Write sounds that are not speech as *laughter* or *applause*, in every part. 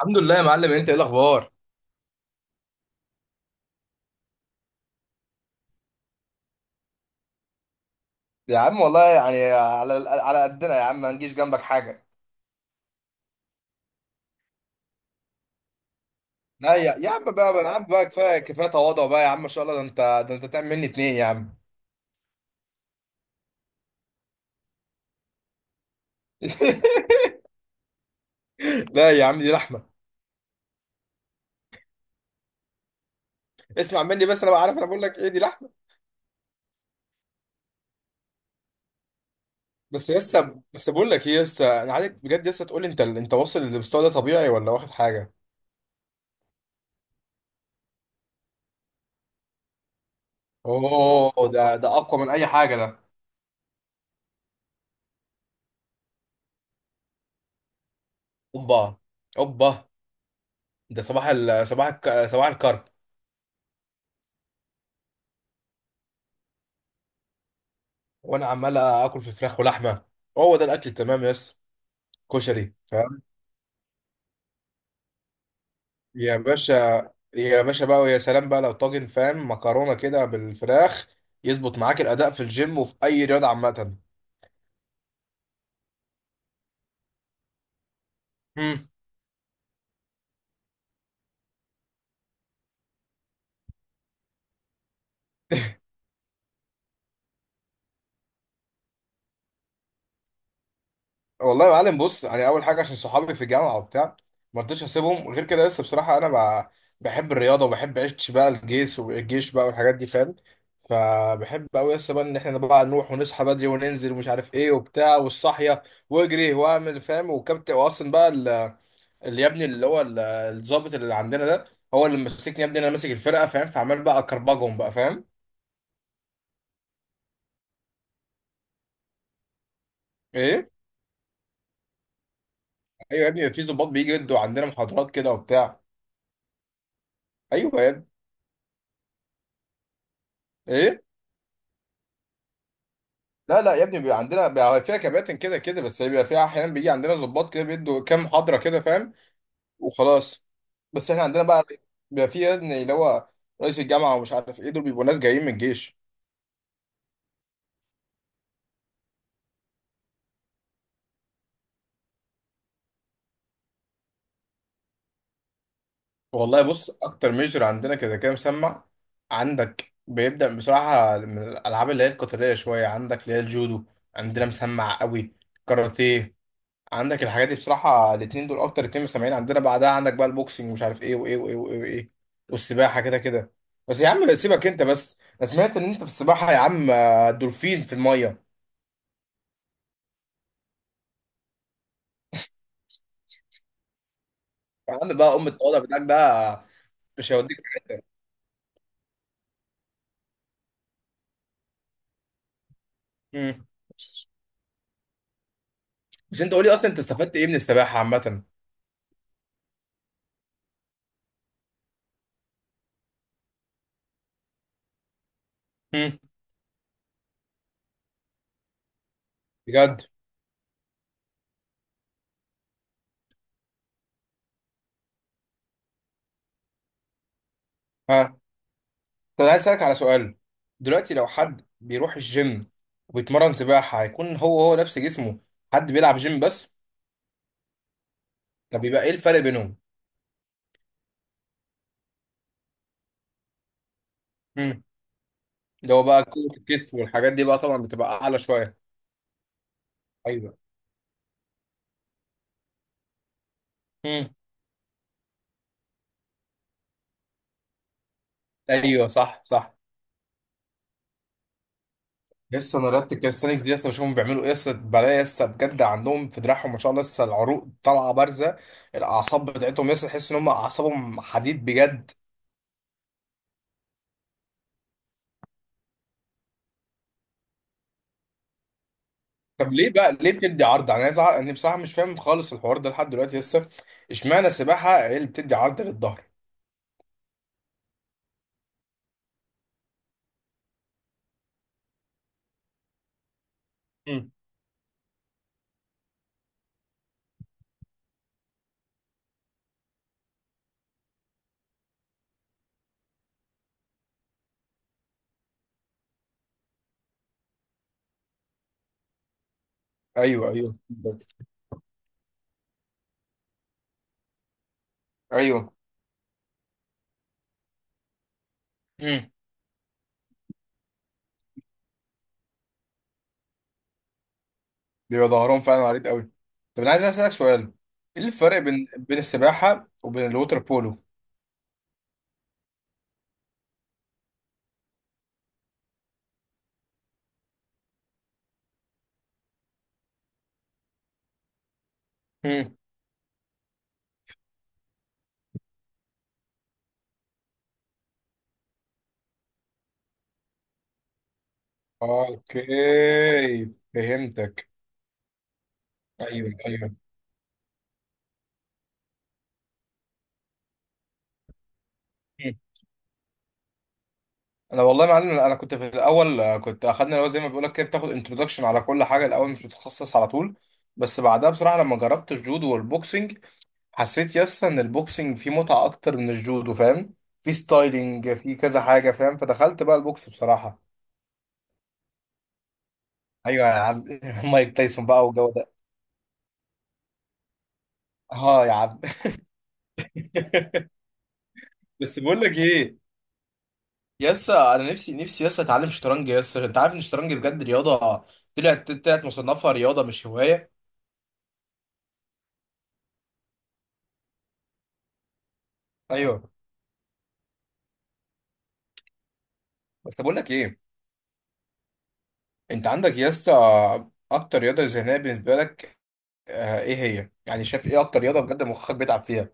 الحمد لله يا معلم، انت ايه الاخبار؟ يا عم والله يعني على قدنا يا عم، ما نجيش جنبك حاجه. لا يا عم بقى كفايه كفايه تواضع بقى يا عم، ما شاء الله، ده انت تعمل مني اتنين يا عم. *laughs* لا يا عم، دي رحمه. اسمع مني بس، انا بقى عارف، انا بقول لك ايه، دي رحمه. بس لسه، بس بقول لك ايه لسه، انا عايزك بجد لسه تقول لي انت واصل للمستوى ده طبيعي ولا واخد حاجه؟ اوه، ده اقوى من اي حاجه ده. اوبا. اوبا. ده صباح الكرب. وانا عمال اكل في فراخ ولحمه. هو ده الاكل التمام يا اسطى. كشري فاهم. يا باشا. يا باشا بقى، ويا سلام بقى لو طاجن فاهم، مكرونه كده بالفراخ، يظبط معاك الاداء في الجيم وفي اي رياضه عامه. مم. والله يا معلم بص، يعني اول حاجه عشان صحابي في الجامعه وبتاع، ما رضيتش اسيبهم غير كده لسه، بصراحه انا بحب الرياضه، وبحب عيش بقى الجيش، والجيش بقى والحاجات دي فاهم. فبحب قوي لسه بقى ان احنا بقى نروح ونصحى بدري وننزل ومش عارف ايه وبتاع، والصحيه، واجري واعمل فاهم، والكابتن واصلا بقى اللي يا ابني، اللي هو الضابط اللي عندنا ده، هو اللي ماسكني يا ابني. انا ماسك الفرقه فاهم، فعمال بقى اكربجهم بقى فاهم. ايه. ايوه يا ابني، في ضباط بيجي يدوا عندنا محاضرات كده وبتاع. ايوه يا ابني. ايه. لا لا يا ابني، بيبقى عندنا، بيبقى فيها كباتن كده كده، بس بيبقى فيها احيانا بيجي عندنا ضباط كده بيدوا كام محاضره كده فاهم، وخلاص. بس احنا عندنا بقى، بيبقى فيه يا ابني اللي هو رئيس الجامعه، ومش عارف ايه، دول بيبقوا ناس جايين من الجيش. والله بص، اكتر ميجر عندنا كده كده مسمع، عندك بيبدا بصراحه من الالعاب اللي هي القتاليه شويه، عندك اللي هي الجودو، عندنا مسمع قوي. كاراتيه. عندك الحاجات دي بصراحة، الاتنين دول أكتر اتنين مسمعين عندنا. بعدها عندك بقى البوكسنج، ومش عارف إيه وإيه وإيه وإيه وإيه، والسباحة كده كده. بس يا عم سيبك أنت، بس أنا سمعت إن أنت في السباحة يا عم دولفين في المية. يا عم بقى، أم التواضع بتاعك ده مش هيوديك. مم. بس أنت قولي أصلا، أنت استفدت إيه من السباحة عامة؟ مم. بجد؟ ها. طب أنا عايز أسألك على سؤال، دلوقتي لو حد بيروح الجيم وبيتمرن سباحة، هيكون هو نفس جسمه حد بيلعب جيم بس؟ طب بيبقى إيه الفرق بينهم؟ اللي هو بقى كوره الكتف والحاجات دي بقى طبعا بتبقى اعلى شويه. ايوه. امم. ايوه صح صح. لسه انا رياضه الكاليستانكس دي لسه بشوفهم بيعملوا ايه، لسه بلاقي لسه بجد عندهم في دراعهم ما شاء الله، لسه العروق طالعه بارزه، الاعصاب بتاعتهم لسه تحس ان هم اعصابهم حديد بجد. طب ليه بقى، ليه بتدي عرض يعني؟ انا عايز اعرف، انا بصراحه مش فاهم خالص الحوار ده لحد دلوقتي لسه. اشمعنى السباحه هي اللي بتدي عرض للظهر؟ مم. ايوه ايوه. ايوه. بيبقى ظهرهم فعلا عريض قوي. طب انا عايز اسالك سؤال، ايه الفرق بين السباحه وبين الوتر بولو؟ مم. اوكي. فهمتك. ايوه ايوه. مم. انا والله يا معلم، انا كنت في الاول كنت اخدنا اللي هو زي ما بيقول لك كده، بتاخد انتروداكشن على كل حاجه الاول، مش بتتخصص على طول. بس بعدها بصراحه لما جربت الجودو والبوكسنج، حسيت يس ان البوكسنج فيه متعه اكتر من الجودو فاهم، في ستايلينج، في كذا حاجه فاهم، فدخلت بقى البوكس بصراحه. ايوه يا عم *laughs* مايك تايسون بقى والجو. اه يا عم *laughs* بس بقول لك ايه، يسا انا نفسي نفسي يسا اتعلم شطرنج، يسا انت عارف ان الشطرنج بجد رياضه، طلعت مصنفها رياضه مش هوايه. ايوه، بس بقول لك ايه، انت عندك يسا اكتر رياضه ذهنيه بالنسبه لك، ايه هي يعني؟ شايف ايه اكتر رياضه بجد مخك بيتعب فيها؟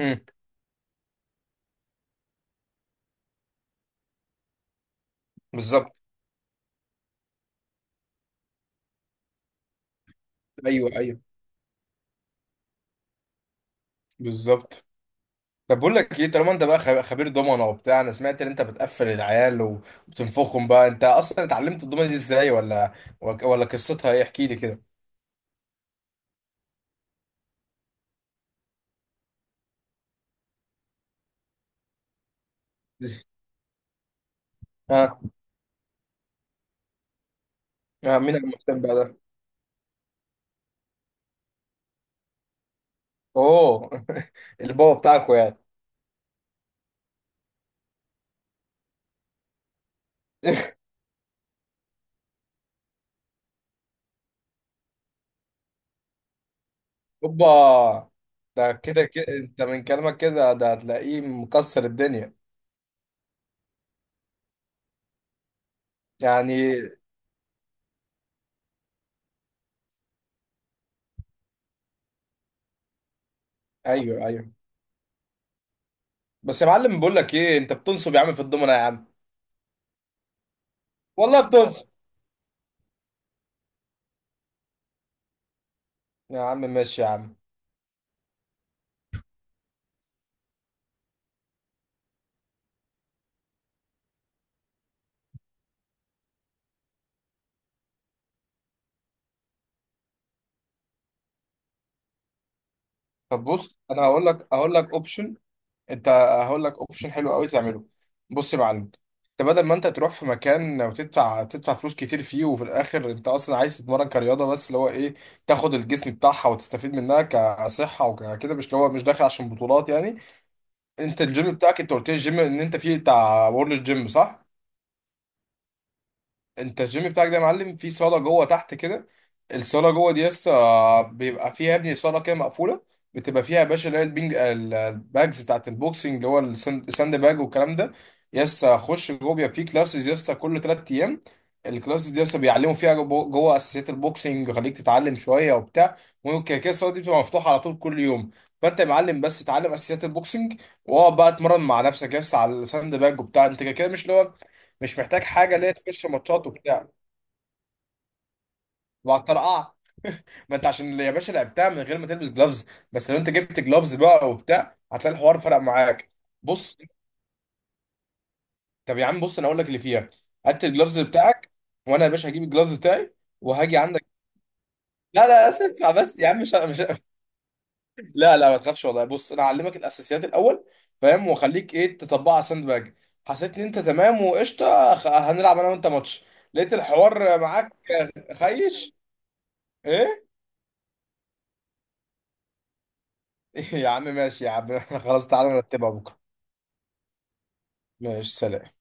امم. بالظبط. ايوه ايوه. بالظبط. طب بقول لك ايه، طالما انت بقى خبير دومنه وبتاع، انا سمعت ان انت بتقفل العيال وبتنفخهم بقى، انت اصلا اتعلمت الدومنه دي ازاي، ولا قصتها ايه؟ احكي لي كده. ها. ها مين المهتم بقى ده؟ اوه *laughs* البابا بتاعكو يعني. *laughs* اوبا. ده كده كده انت من كلامك كده، ده هتلاقيه مكسر الدنيا. يعني. ايوه ايوه. بس يا معلم بقول لك ايه، انت بتنصب يا عم في الضمنه يا عم. والله بتنصب. يا عم ماشي يا عم. طب بص، انا هقول لك اوبشن، انت، هقول لك اوبشن حلو قوي تعمله. بص يا معلم، انت بدل ما انت تروح في مكان وتدفع تدفع فلوس كتير فيه، وفي الاخر انت اصلا عايز تتمرن كرياضه بس، اللي هو ايه، تاخد الجسم بتاعها وتستفيد منها كصحه وكده، مش اللي هو، مش داخل عشان بطولات يعني. انت الجيم بتاعك، انت قلت لي الجيم ان انت فيه بتاع وورلد جيم صح؟ انت الجيم بتاعك ده يا معلم، فيه صاله جوه تحت كده. الصاله جوه دي لسه بيبقى فيها يا ابني صاله كده مقفوله، بتبقى فيها يا باشا اللي هي الباجز بتاعت البوكسنج، اللي هو الساند باج والكلام ده. يسا خش جوه، بيبقى فيه كلاسز يسا كل 3 ايام، الكلاسز دي يسا بيعلموا فيها جوه اساسيات البوكسنج، يخليك تتعلم شويه وبتاع. وكده كده الصاله دي بتبقى مفتوحه على طول كل يوم. فانت يا معلم بس اتعلم اساسيات البوكسنج، واقعد بقى اتمرن مع نفسك يس على الساند باج وبتاع، انت كده كده مش اللي هو، مش محتاج حاجه اللي هي تخش ماتشات وبتاع. وعلى الطرقعه، ما انت عشان يا باشا لعبتها من غير ما تلبس جلافز. بس لو انت جبت جلافز بقى وبتاع، هتلاقي الحوار فرق معاك. بص. طب يا عم بص، انا اقول لك اللي فيها، هات الجلافز بتاعك، وانا يا باشا هجيب الجلافز بتاعي، وهاجي عندك. لا لا، بس اسمع بس يا عم، مش مش لا لا، ما تخافش، والله بص انا هعلمك الاساسيات الاول فاهم، واخليك ايه تطبقها على الساند باج. حسيت ان انت تمام وقشطه، هنلعب انا وانت ماتش، لقيت الحوار معاك. خيش. ايه؟ *laughs* يا عم ماشي يا عم *laughs* خلاص، تعالى نرتبها بكره. ماشي سلام.